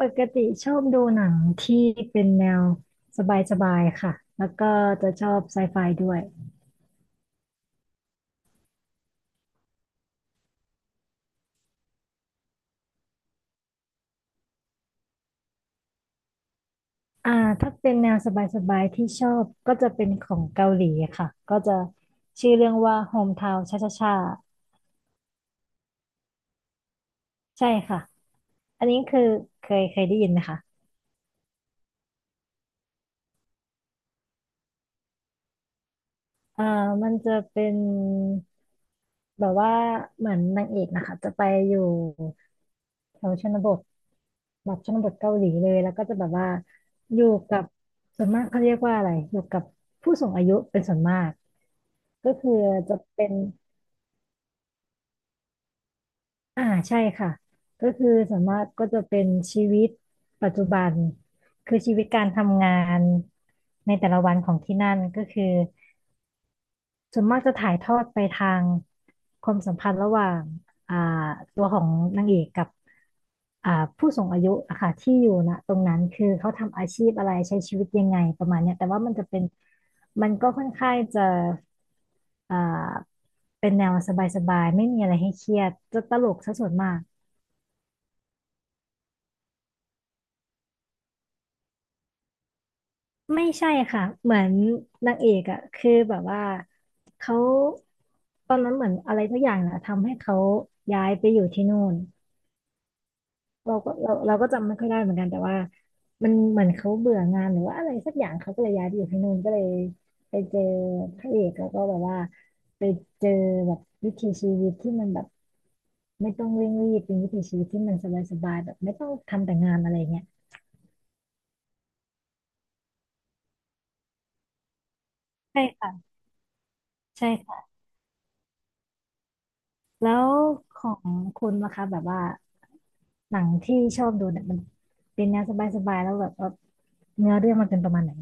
ปกติชอบดูหนังที่เป็นแนวสบายๆค่ะ แล้วก็จะชอบไซไฟด้วยอ่าถ้าเป็นแนวสบายๆที่ชอบก็จะเป็นของเกาหลีค่ะ ก็จะชื่อเรื่องว่า Hometown ชาชาชาใช่ค่ะ อันนี้คือเคยได้ยินไหมคะ อ่ามันจะเป็นแบบว่าเหมือนนางเอกนะคะจะไปอยู่แถวชนบทแบบชนบทเกาหลีเลยแล้วก็จะแบบว่าอยู่กับส่วนมากเขาเรียกว่าอะไรอยู่กับผู้สูงอายุเป็นส่วนมากก็คือจะเป็นอ่าใช่ค่ะก็คือส่วนมากก็จะเป็นชีวิตปัจจุบันคือชีวิตการทำงานในแต่ละวันของที่นั่นก็คือ ส่วนมากจะถ่ายทอดไปทางความสัมพันธ์ระหว่างอ่าตัวของนางเอกกับอ่าผู้สูงอายุอะค่ะที่อยู่นะตรงนั้นคือเขาทำอาชีพอะไรใช้ชีวิตยังไงประมาณเนี้ยแต่ว่ามันจะเป็นมันก็ค่อนข้างจะอ่าเป็นแนวสบายๆไม่มีอะไรให้เครียดจะตลกซะส่วนมากไม่ใช่ค่ะเหมือนนางเอกอะคือแบบว่าเขาตอนนั้นเหมือนอะไรสักอย่างนะทำให้เขาย้ายไปอยู่ที่นู่น เราก็เราก็จำไม่ค่อยได้เหมือนกันแต่ว่ามันเหมือนเขาเบื่องานหรือว่าอะไรสักอย่างเขาก็เลยย้ายไปอยู่ที่นู่นก็เลยไปเจอพระเอกแล้วก็แบบว่าไปเจอแบบวิถีชีวิตที่มันแบบไม่ต้องเร่งรีบเป็นวิถีชีวิตที่มันสบายๆแบบไม่ต้องทำแต่งานอะไรเงี้ยใช่ค่ะใช่ค่ะแล้วของคุณนะคะแบบว่าหนังที่ชอบดูเนี่ยมันเป็นแนวสบายๆแล้วแบบว่าเนื้อเรื่องมันเป็นประมาณไหน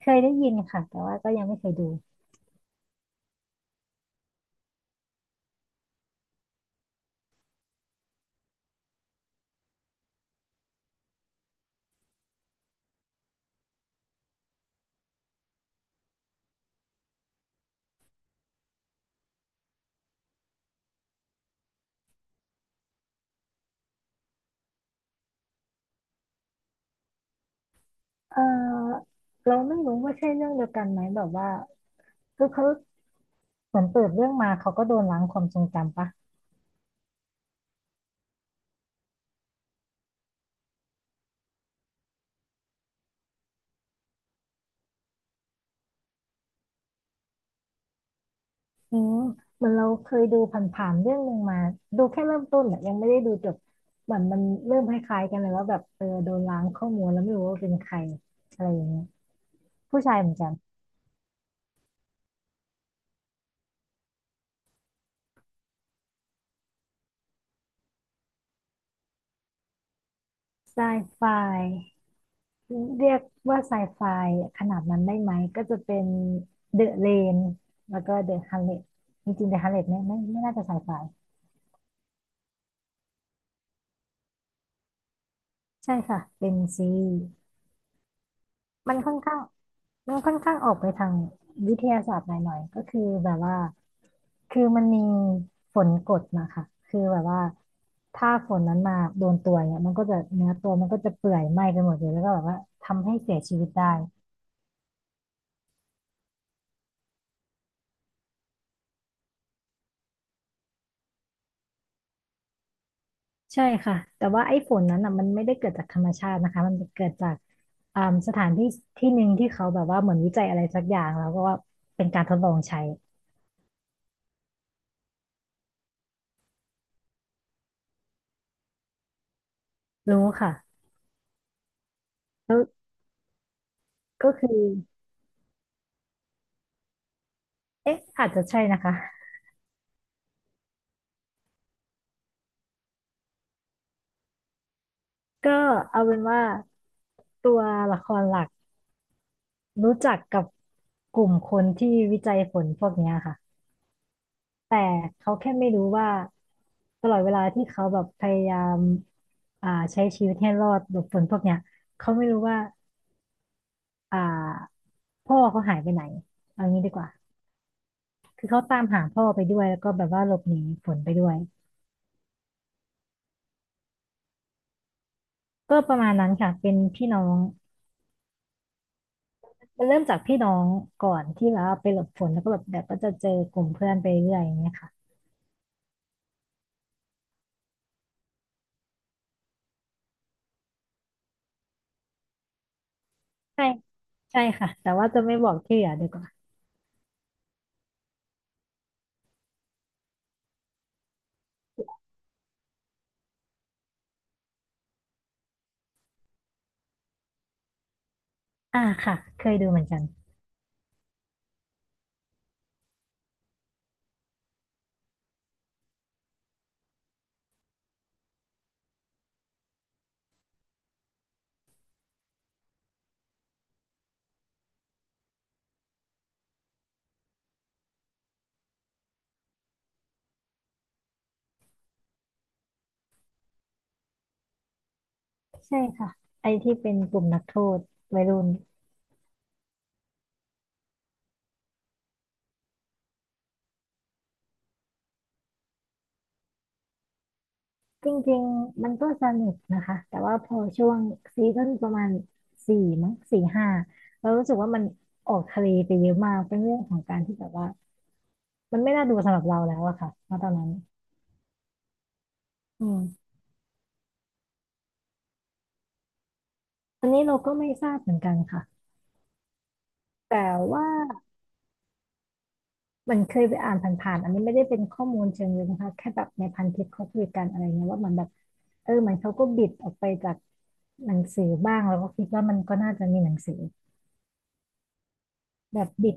เคยได้ยินค่ะแต่ว่าก็ยังไม่เคยดู เออเราไม่รู้ว่าใช่เรื่องเดียวกันไหมแบบว่าคือเขาเหมือนเปิดเรื่องมาเขาก็โดนล้างความทรงจำปะอืมเหมือนเราเคยดูผ่านๆเรื่องหนึ่งมาดูแค่เริ่มต้นอะยังไม่ได้ดูจบเหมือนมันเริ่มคล้ายๆกันเลยว่าแบบเออโดนล้างข้อมูลแล้วไม่รู้ว่าเป็นใครอะไรอย่างเงี้ยผู้ชายเหมือนกันไซไฟเรียกว่าไซไฟขนาดนั้นได้ไหมก็จะเป็นเดอะเลนแล้วก็เดอะฮันเลตจริงๆเดอะฮันเลตเนี่ยไม่น่าจะไซไฟ ใช่ค่ะเป็นซีมันค่อนข้างมันค่อนข้างออกไปทางวิทยาศาสตร์หน่อยๆก็คือแบบว่าคือมันมีฝนกดมาค่ะคือแบบว่าถ้าฝนนั้นมาโดนตัวเนี่ยมันก็จะเนื้อตัวมันก็จะเปื่อยไหม้ไปหมดเลยแล้วก็แบบว่าทำให้เสียชีวิตได้ใช่ค่ะแต่ว่าไอ้ฝนนั้นอ่ะมันไม่ได้เกิดจากธรรมชาตินะคะมันเกิดจากอ่าสถานที่ที่หนึ่งที่เขาแบบว่าเหมือนวิจัยอะไรสักอย่างแล้วก็ว่าเป็นการทดลองใช้รู้ค่ะก็ก็คือ เอ๊ะอาจจะใช่นะคะก็เอาเป็นว่าตัวละครหลักรู้จักกับกลุ่มคนที่วิจัยฝนพวกเนี้ยค่ะแต่เขาแค่ไม่รู้ว่าตลอดเวลาที่เขาแบบพยายามใช้ชีวิตให้รอดหลบฝนพวกเนี้ยเขาไม่รู้ว่าอ่าพ่อเขาหายไปไหนเอางี้ดีกว่าคือเขาตามหาพ่อไปด้วยแล้วก็แบบว่าหลบหนีฝนไปด้วยก็ประมาณนั้นค่ะเป็นพี่น้อง มันเริ่มจากพี่น้องก่อนที่แบบว่าไปหลบฝนแล้วก็แบบเดี๋ยวก็จะเจอกลุ่มเพื่อนไปเรื่อยอย่างเงี้ยค่ะใช่ใช่ค่ะแต่ว่าจะไม่บอกที่เหลือดีกว่าอ่าค่ะเคยดูเหมือนกันใช่ค่ะไอที่เป็นกลุ่มนักโทษวัยรุ่นจริงๆมันก็สนุกนะคะแต่ว่าพอช่วงซีซั่นประมาณสี่มั้งสี่ห้าเรารู้สึกว่ามันออกทะเลไปเยอะมากเป็นเรื่องของการที่แบบว่ามันไม่น่าดูสำหรับเราแล้วอะค่ะณตอนนั้นอืมอันนี้เราก็ไม่ทราบเหมือนกันค่ะแต่ว่า มันเคยไปอ่านผ่านๆอันนี้ไม่ได้เป็นข้อมูลเชิงลึกนะคะแค่แบบในพันทิปเขาคุยกันอะไรเงี้ยว่ามันแบบเออเหมันเขาก็บิดออกไปจากหนังสือบ้างแล้วก็คิดว่ามันก็น่าจะมีหนังสือแบบบิด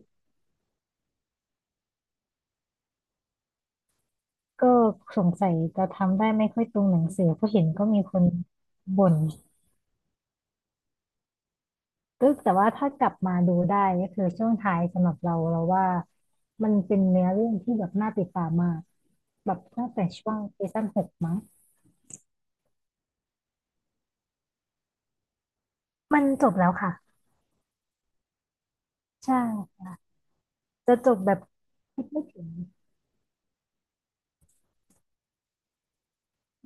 ก็สงสัยจะทำได้ไม่ค่อยตรงหนังสือเพราะเห็นก็มีคนบ่นก็แต่ว่าถ้ากลับมาดูได้ก็คือช่วงท้ายสำหรับเราเราว่ามันเป็นเนื้อเรื่องที่แบบน่าติดตามมากแบบตั้งแต่ช่วงซีซั่นหกมั้งมันจบแล้วค่ะใช่จะจบแบบคิดไม่ถึง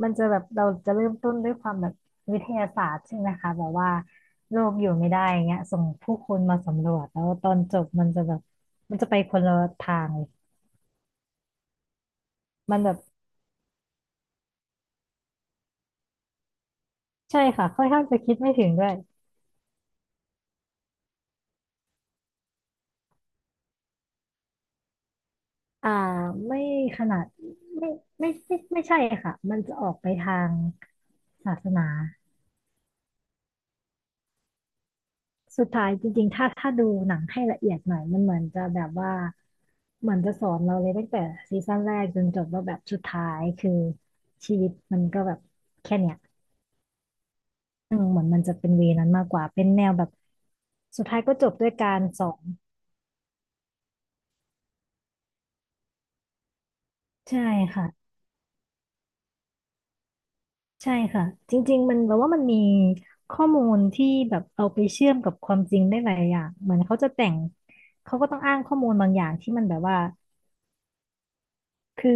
มันจะแบบเราจะเริ่มต้นด้วยความแบบวิทยาศาสตร์ใช่ไหมคะแบบว่าโลกอยู่ไม่ได้อย่างเงี้ยส่งผู้คนมาสำรวจแล้วตอนจบมันจะแบบมันจะไปคนละทางเลยมันแบบใช่ค่ะค่อนข้างจะคิดไม่ถึงด้วยอ่าไม่ขนาดไม่ไม่ไม่ไม่ใช่ค่ะมันจะออกไปทางศาสนา สุดท้ายจริงๆถ้าดูหนังให้ละเอียดหน่อยมันเหมือนจะแบบว่าเหมือนจะสอนเราเลยตั้งแต่ซีซั่นแรกจนจบว่าแบบสุดท้ายคือชีวิตมันก็แบบแค่เนี้ยอืมเหมือนมันจะเป็นเวนั้นมากกว่าเป็นแนวแบบสุดท้ายก็จบด้วยการสอนใช่ค่ะใช่ค่ะจริงๆมันแปลว่ามันมีข้อมูลที่แบบเอาไปเชื่อมกับความจริงได้หลายอย่างเหมือนเขาจะแต่งเขาก็ต้องอ้างข้อมูลบางอย่างที่มันแบบว่า คือ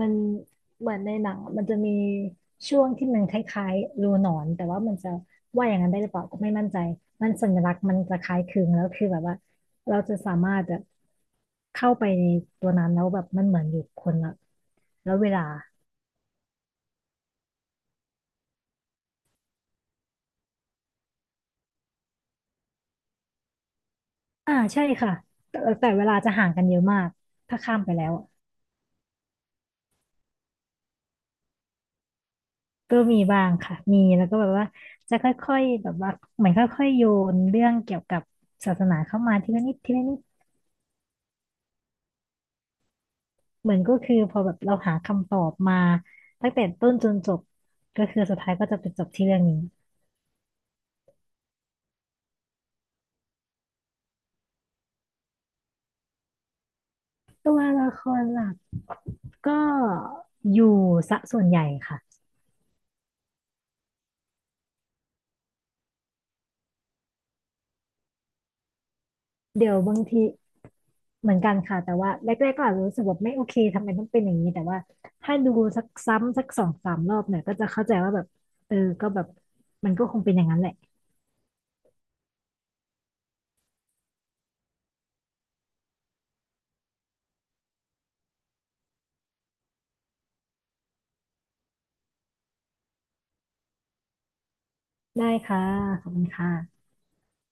มันเหมือนในหนังอะมันจะมีช่วงที่มันคล้ายๆรูหนอนแต่ว่ามันจะว่าอย่างนั้นได้หรือเปล่าก็ไม่มั่นใจมันสัญลักษณ์มันจะคล้ายคลึงแล้วคือแบบว่าเราจะสามารถแบบเข้าไปในตัวนั้นแล้วแบบมันเหมือนอยู่คนละแล้วเวลาใช่ค่ะแต่เวลาจะห่างกันเยอะมากถ้าข้ามไปแล้วอะก็มีบ้างค่ะมีแล้วก็แบบว่าจะค่อยๆแบบว่าเหมือนค่อยๆโยนเรื่องเกี่ยวกับศาสนาเข้ามาทีละนิดทีละนิด เหมือนก็คือพอแบบเราหาคำตอบมาตั้งแต่ต้นจนจบก็คือสุดท้ายก็จะไปจบที่เรื่องนี้ตัวละครหลักก็อยู่ซะส่วนใหญ่ค่ะเดี๋ยวบางทีเหมือนกันค่ะแต่ว่าแรกๆก็อาจจะรู้สึกแบบไม่โอเคทำไมต้องเป็นอย่างนี้แต่ว่าถ้าดูสักซ้ำสักสองสามรอบเนี่ยก็จะเข้าใจว่าแบบเออก็แบบมันก็คงเป็นอย่างนั้นแหละได้ค่ะขอบคุณค่ะ